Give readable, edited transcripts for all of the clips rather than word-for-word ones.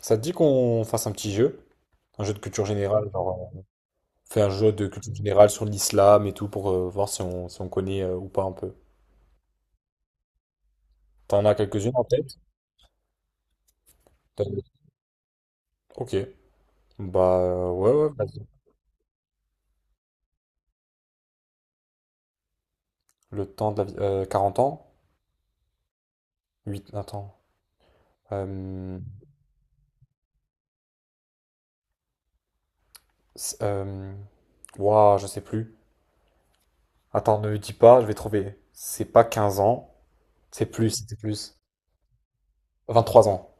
Ça te dit qu'on fasse un petit jeu, un jeu de culture générale, genre on fait un jeu de culture générale sur l'islam et tout pour voir si on, si on connaît ou pas un peu. T'en as quelques-unes en tête? euh, Ok. Bah ouais ouais. Vas-y. Le temps de la vie. 40 ans? Huit attends. Euh, c'est- euh, ouah, je sais plus. Attends, ne me dis pas, je vais trouver. C'est pas 15 ans, c'est plus, c'était plus. 23 ans.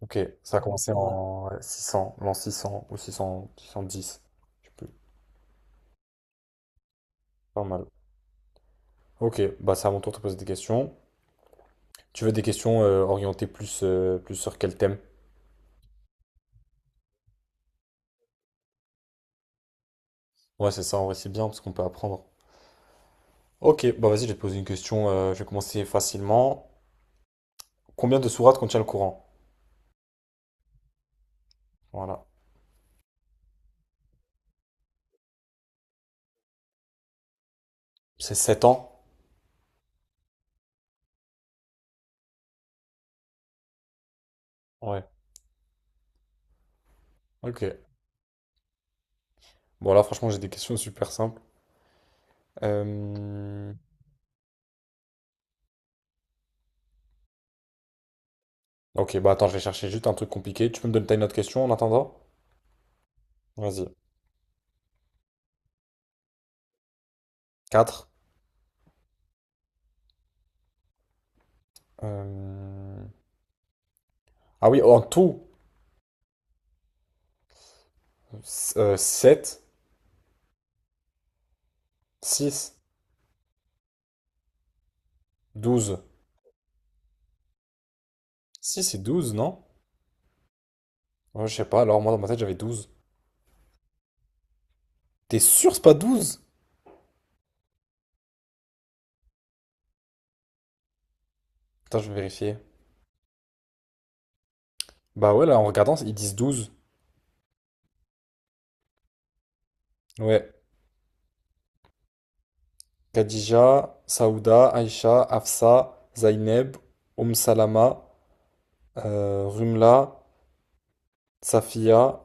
Ok, ça a commencé en ouais, 600, l'an 600 ou 600, 610. Je sais plus. Pas mal. Ok, bah c'est à mon tour de te poser des questions. Tu veux des questions orientées plus, plus sur quel thème? Ouais, c'est ça, en vrai, c'est bien parce qu'on peut apprendre. Ok, bah vas-y, je vais te poser une question. Je vais commencer facilement. Combien de sourates contient le Coran? Voilà. C'est 7 ans? Ouais. Ok. Bon, là, franchement, j'ai des questions super simples. Euh, Ok, bah attends, je vais chercher juste un truc compliqué. Tu peux me donner t'as une autre question en attendant? Vas-y. Quatre. Euh, Ah oui, en tout, 7, 6, 12. 6 et 12, non? Ouais, je sais pas, alors moi dans ma tête j'avais 12. T'es sûr c'est pas douze. Attends, je vais vérifier. Bah ouais, là en regardant, ils disent 12. Ouais. Khadija, Saouda, Aïcha, Afsa, Zaineb, Oum Salama, Rumla, Safia.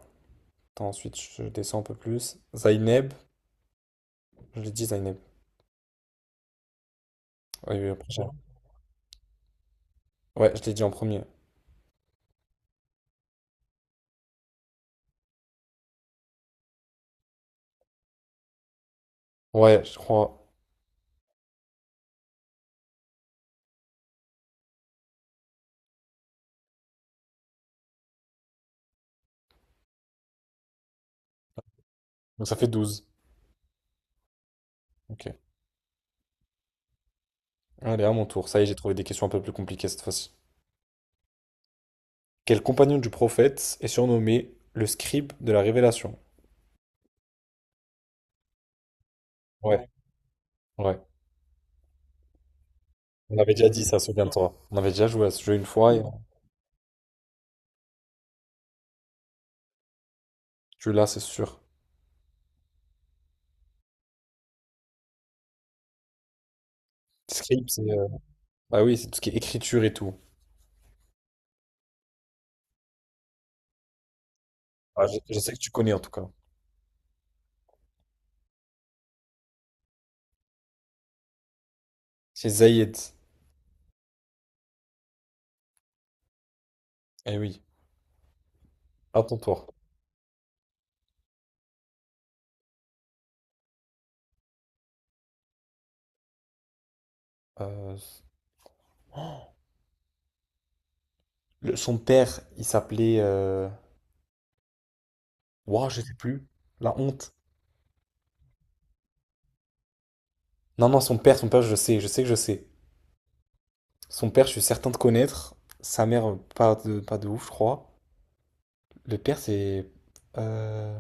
Attends, ensuite je descends un peu plus. Zaineb. Je l'ai dit Zaineb. Ouais, ouais, après, ouais, je l'ai dit en premier. Ouais, je crois. Donc ça fait 12. Ok. Allez, à mon tour. Ça y est, j'ai trouvé des questions un peu plus compliquées cette fois-ci. Quel compagnon du prophète est surnommé le scribe de la révélation? Ouais. Ouais. On avait déjà dit ça, souviens-toi. On avait déjà joué à ce jeu une fois et tu l'as, c'est sûr. Script, c'est. Bah oui, c'est tout ce qui est écriture et tout. Ah, je sais que tu connais en tout cas. C'est Zayed. Eh oui, à ton tour. Euh, son père, il s'appelait. Ouah, je sais plus. La honte. Non, non, son père, je sais que je sais. Son père, je suis certain de connaître. Sa mère, pas de ouf, je crois. Le père, c'est. Euh...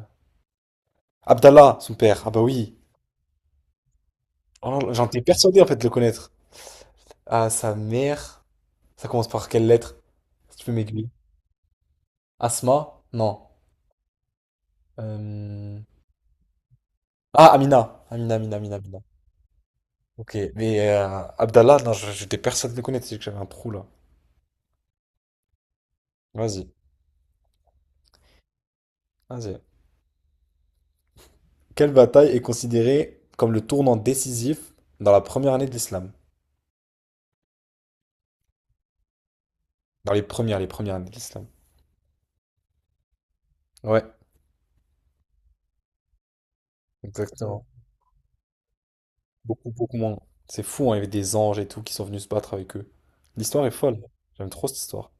Abdallah, son père. Ah bah oui. Oh, j'en étais persuadé en fait de le connaître. À sa mère. Ça commence par quelle lettre? Si tu peux m'aiguiller. Asma? Non. Euh, Ah, Amina. Amina, Amina, Amina, Amina. Ok. Mais Abdallah, non, j'étais personne de le connaître, c'est que j'avais un trou là. Vas-y. Vas-y. Quelle bataille est considérée comme le tournant décisif dans la première année de l'islam? Dans les premières années de l'islam. Ouais, exactement. Beaucoup, beaucoup moins. C'est fou, hein, il y avait des anges et tout qui sont venus se battre avec eux. L'histoire est folle. J'aime trop cette histoire.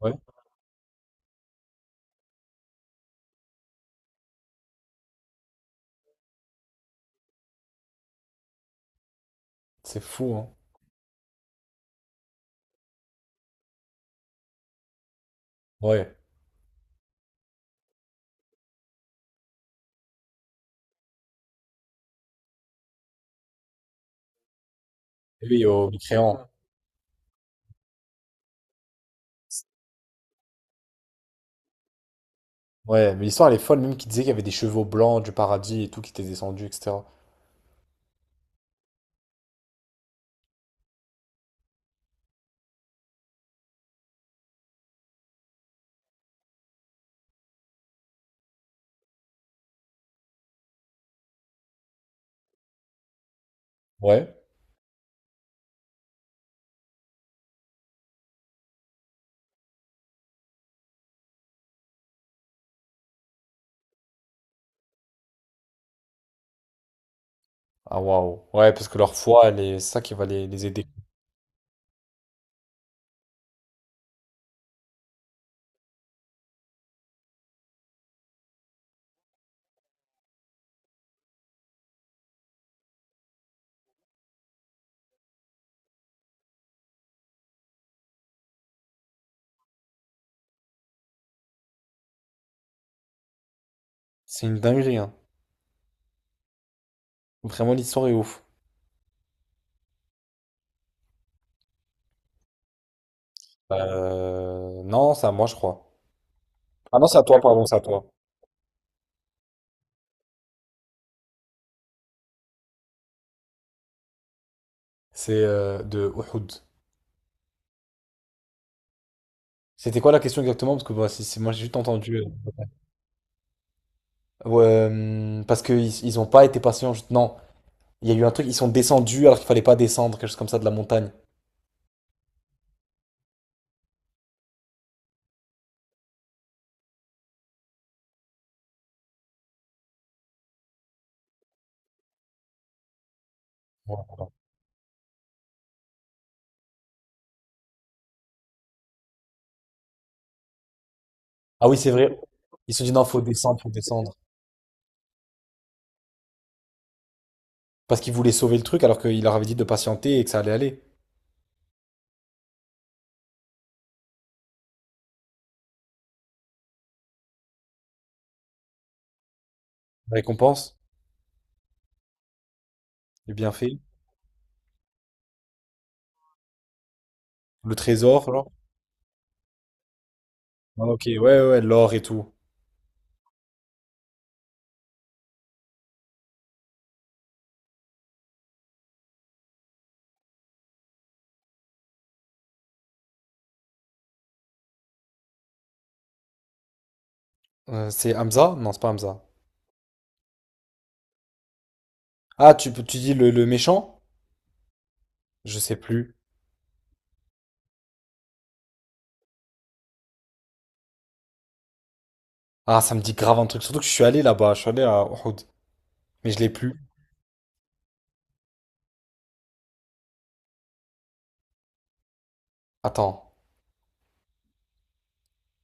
Ouais. C'est fou, hein. Ouais. Oui, au mécréant. Ouais, mais l'histoire elle est folle, même qu'il disait qu'il y avait des chevaux blancs du paradis et tout qui étaient descendus, etc. Ouais. Ah waouh. Ouais, parce que leur foi, elle est c'est ça qui va les aider. C'est une dinguerie, hein. Vraiment, l'histoire est ouf. Non, c'est à moi, je crois. Ah non, c'est à toi, pardon, c'est à toi. C'est de Uhud. C'était quoi la question exactement? Parce que bah, moi, j'ai juste entendu. Ouais, parce qu'ils ont pas été patients. Non, il y a eu un truc, ils sont descendus alors qu'il fallait pas descendre, quelque chose comme ça, de la montagne. Ouais. Ah oui, c'est vrai. Ils se sont dit non, faut descendre, faut descendre. Parce qu'ils voulaient sauver le truc alors qu'il leur avait dit de patienter et que ça allait aller. La récompense, les bienfaits, le trésor, genre. Ah, ok, ouais, ouais, ouais, l'or et tout. C'est Hamza? Non, c'est pas Hamza. Ah, tu dis le méchant? Je sais plus. Ah, ça me dit grave un truc. Surtout que je suis allé là-bas, je suis allé à Uhud. Mais je l'ai plus. Attends.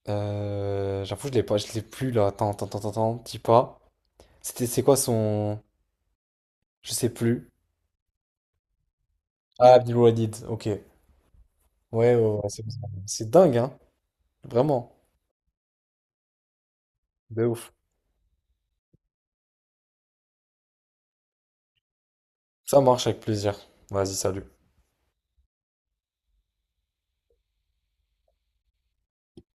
J'avoue, je l'ai pas, je l'ai plus là. Attends, attends, attends, attends, dis pas. C'est quoi son. Je sais plus. Ah, Abdul Walid, ok. Ouais, ouais, ouais, c'est dingue, hein. Vraiment, de ouf. Ça marche avec plaisir. Vas-y, salut.